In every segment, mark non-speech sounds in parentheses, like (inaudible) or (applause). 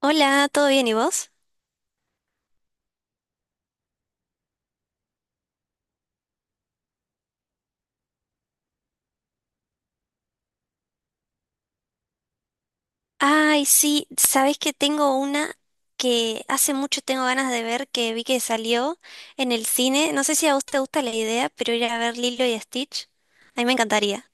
Hola, ¿todo bien y vos? Ay, sí, sabés que tengo una que hace mucho tengo ganas de ver que vi que salió en el cine. No sé si a vos te gusta la idea, pero ir a ver Lilo y Stitch, a mí me encantaría.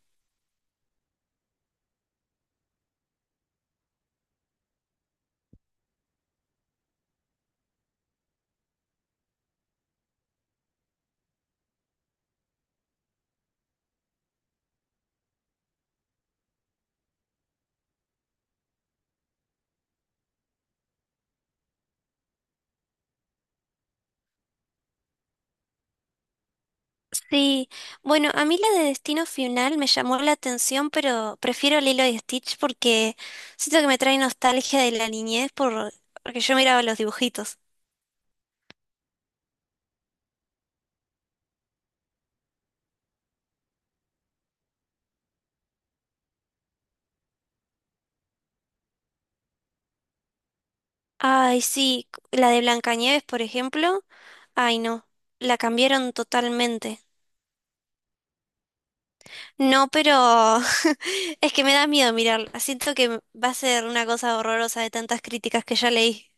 Sí, bueno, a mí la de Destino Final me llamó la atención, pero prefiero Lilo y Stitch porque siento que me trae nostalgia de la niñez porque yo miraba los dibujitos. Ay, sí, la de Blancanieves, por ejemplo. Ay, no, la cambiaron totalmente. No, pero (laughs) es que me da miedo mirarla. Siento que va a ser una cosa horrorosa de tantas críticas que ya leí.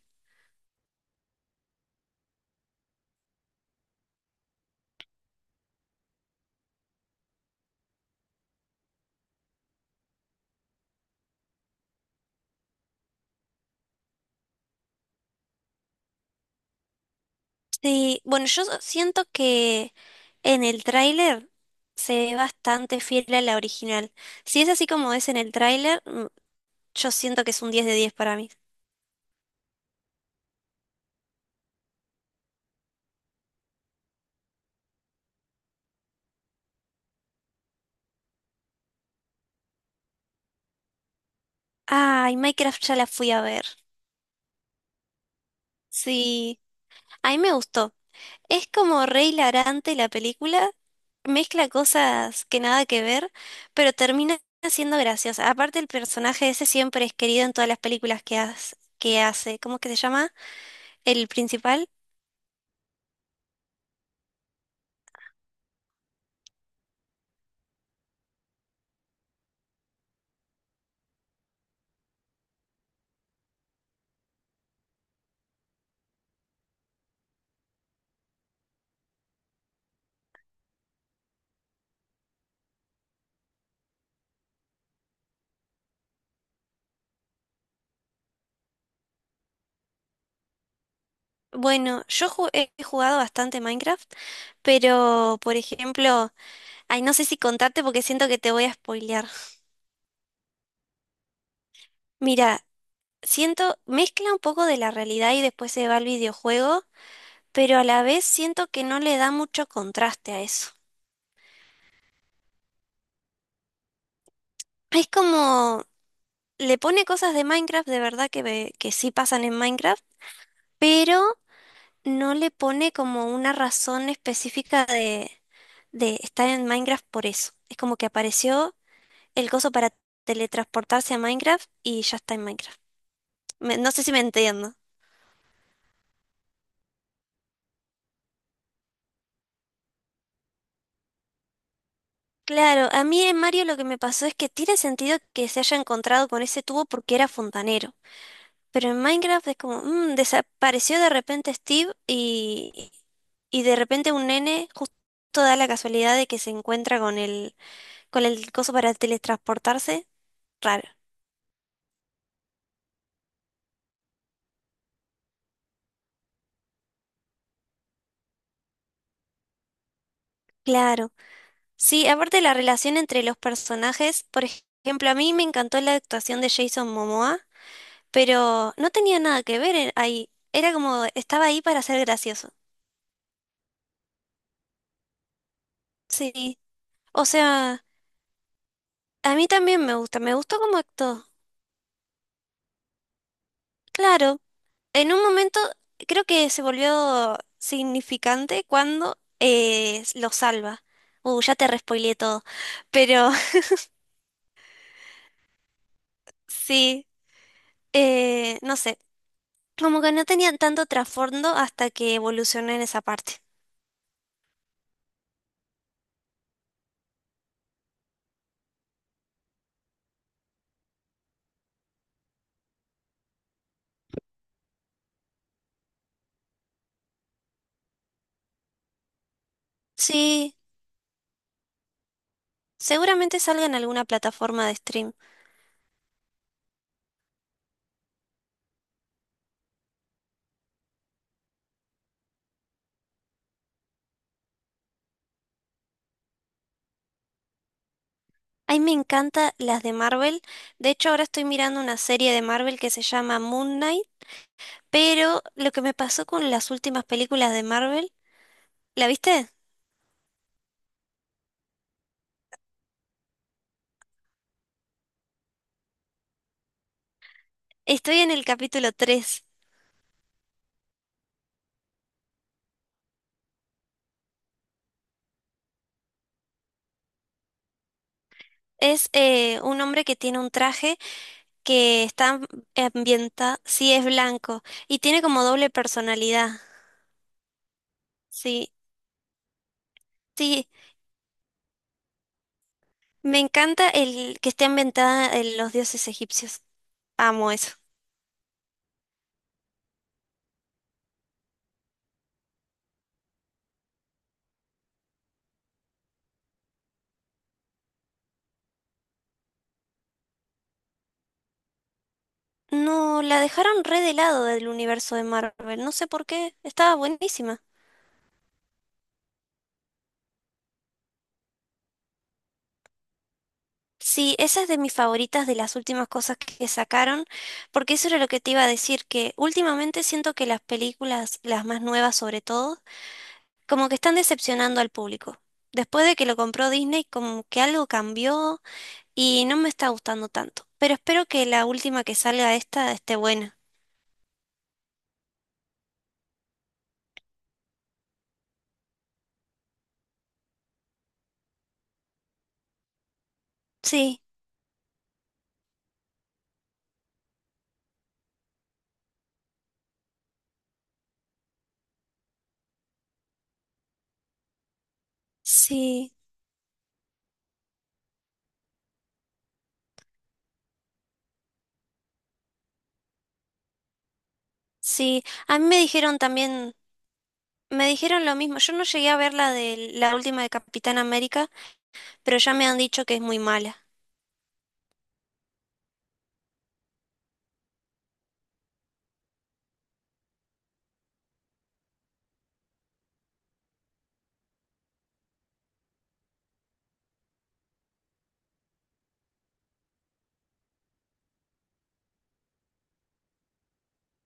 Sí, bueno, yo siento que en el tráiler se ve bastante fiel a la original. Si es así como es en el tráiler, yo siento que es un 10 de 10 para mí. Ay, Minecraft ya la fui a ver. Sí, a mí me gustó. Es como re hilarante la película, mezcla cosas que nada que ver, pero termina siendo graciosa. Aparte el personaje ese siempre es querido en todas las películas que hace. ¿Cómo es que se llama? El principal. Bueno, yo he jugado bastante Minecraft, pero por ejemplo, ay, no sé si contarte porque siento que te voy a spoilear. (laughs) Mira, siento, mezcla un poco de la realidad y después se va al videojuego, pero a la vez siento que no le da mucho contraste a eso. Es como, le pone cosas de Minecraft, de verdad que sí pasan en Minecraft, pero no le pone como una razón específica de estar en Minecraft por eso. Es como que apareció el coso para teletransportarse a Minecraft y ya está en Minecraft. No sé si me entiendo. Claro, a mí en Mario lo que me pasó es que tiene sentido que se haya encontrado con ese tubo porque era fontanero. Pero en Minecraft es como, desapareció de repente Steve y de repente un nene justo da la casualidad de que se encuentra con el coso para teletransportarse. Raro. Claro. Sí, aparte la relación entre los personajes, por ejemplo, a mí me encantó la actuación de Jason Momoa, pero no tenía nada que ver ahí. Era como, estaba ahí para ser gracioso. Sí. O sea, a mí también me gusta, me gustó cómo actuó. Claro. En un momento creo que se volvió significante cuando lo salva. Ya te respoileé todo. Pero (laughs) sí, no sé. Como que no tenían tanto trasfondo hasta que evolucioné en esa parte. Sí, seguramente salga en alguna plataforma de stream. A mí me encantan las de Marvel. De hecho, ahora estoy mirando una serie de Marvel que se llama Moon Knight. Pero lo que me pasó con las últimas películas de Marvel, ¿la viste? Estoy en el capítulo 3. Es un hombre que tiene un traje que está ambientado, sí es blanco, y tiene como doble personalidad. Sí, sí, me encanta el que esté ambientada en los dioses egipcios. Amo eso. No, la dejaron re de lado del universo de Marvel, no sé por qué, estaba buenísima. Sí, esa es de mis favoritas de las últimas cosas que sacaron, porque eso era lo que te iba a decir, que últimamente siento que las películas, las más nuevas sobre todo, como que están decepcionando al público. Después de que lo compró Disney, como que algo cambió y no me está gustando tanto. Pero espero que la última que salga esta esté buena. Sí, sí, sí. A mí me dijeron también, me dijeron lo mismo. Yo no llegué a ver la de la última de Capitán América, pero ya me han dicho que es muy mala.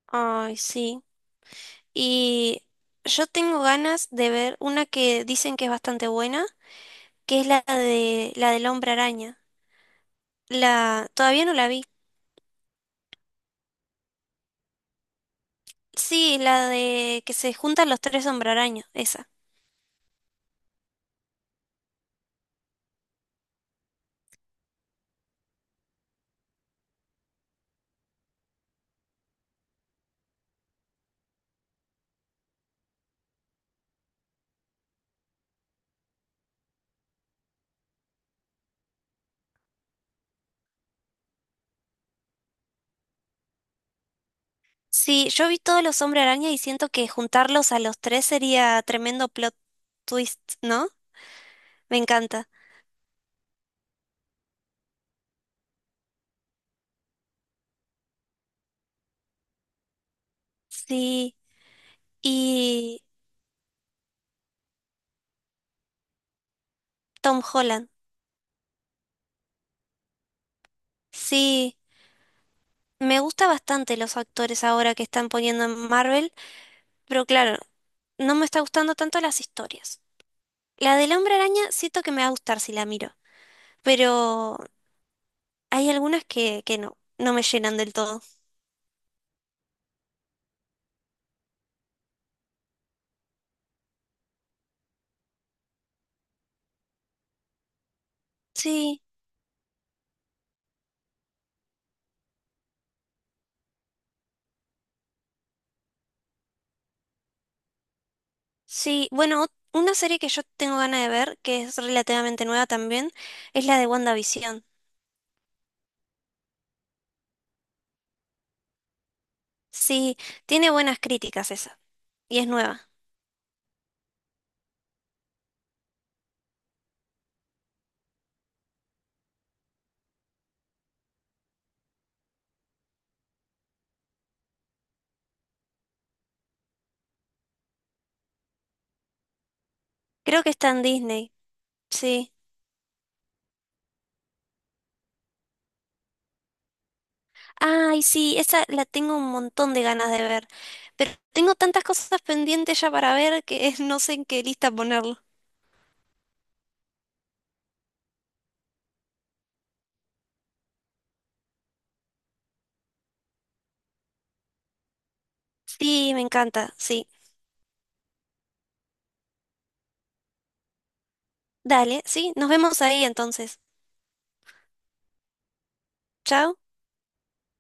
Ay, sí. Y yo tengo ganas de ver una que dicen que es bastante buena, que es la de la del Hombre Araña. La todavía no la vi. Sí, la de que se juntan los tres hombre araña, esa. Sí, yo vi todos los hombre araña y siento que juntarlos a los tres sería tremendo plot twist, ¿no? Me encanta. Sí, y Tom Holland. Sí, me gusta bastante los actores ahora que están poniendo en Marvel, pero claro, no me está gustando tanto las historias. La del hombre araña siento que me va a gustar si la miro, pero hay algunas que no, no me llenan del todo. Sí. Sí, bueno, una serie que yo tengo ganas de ver, que es relativamente nueva también, es la de WandaVision. Sí, tiene buenas críticas esa, y es nueva. Creo que está en Disney, sí. Ay, sí, esa la tengo un montón de ganas de ver, pero tengo tantas cosas pendientes ya para ver que (laughs) no sé en qué lista ponerlo. Sí, me encanta, sí. Dale, sí, nos vemos ahí entonces. Chao.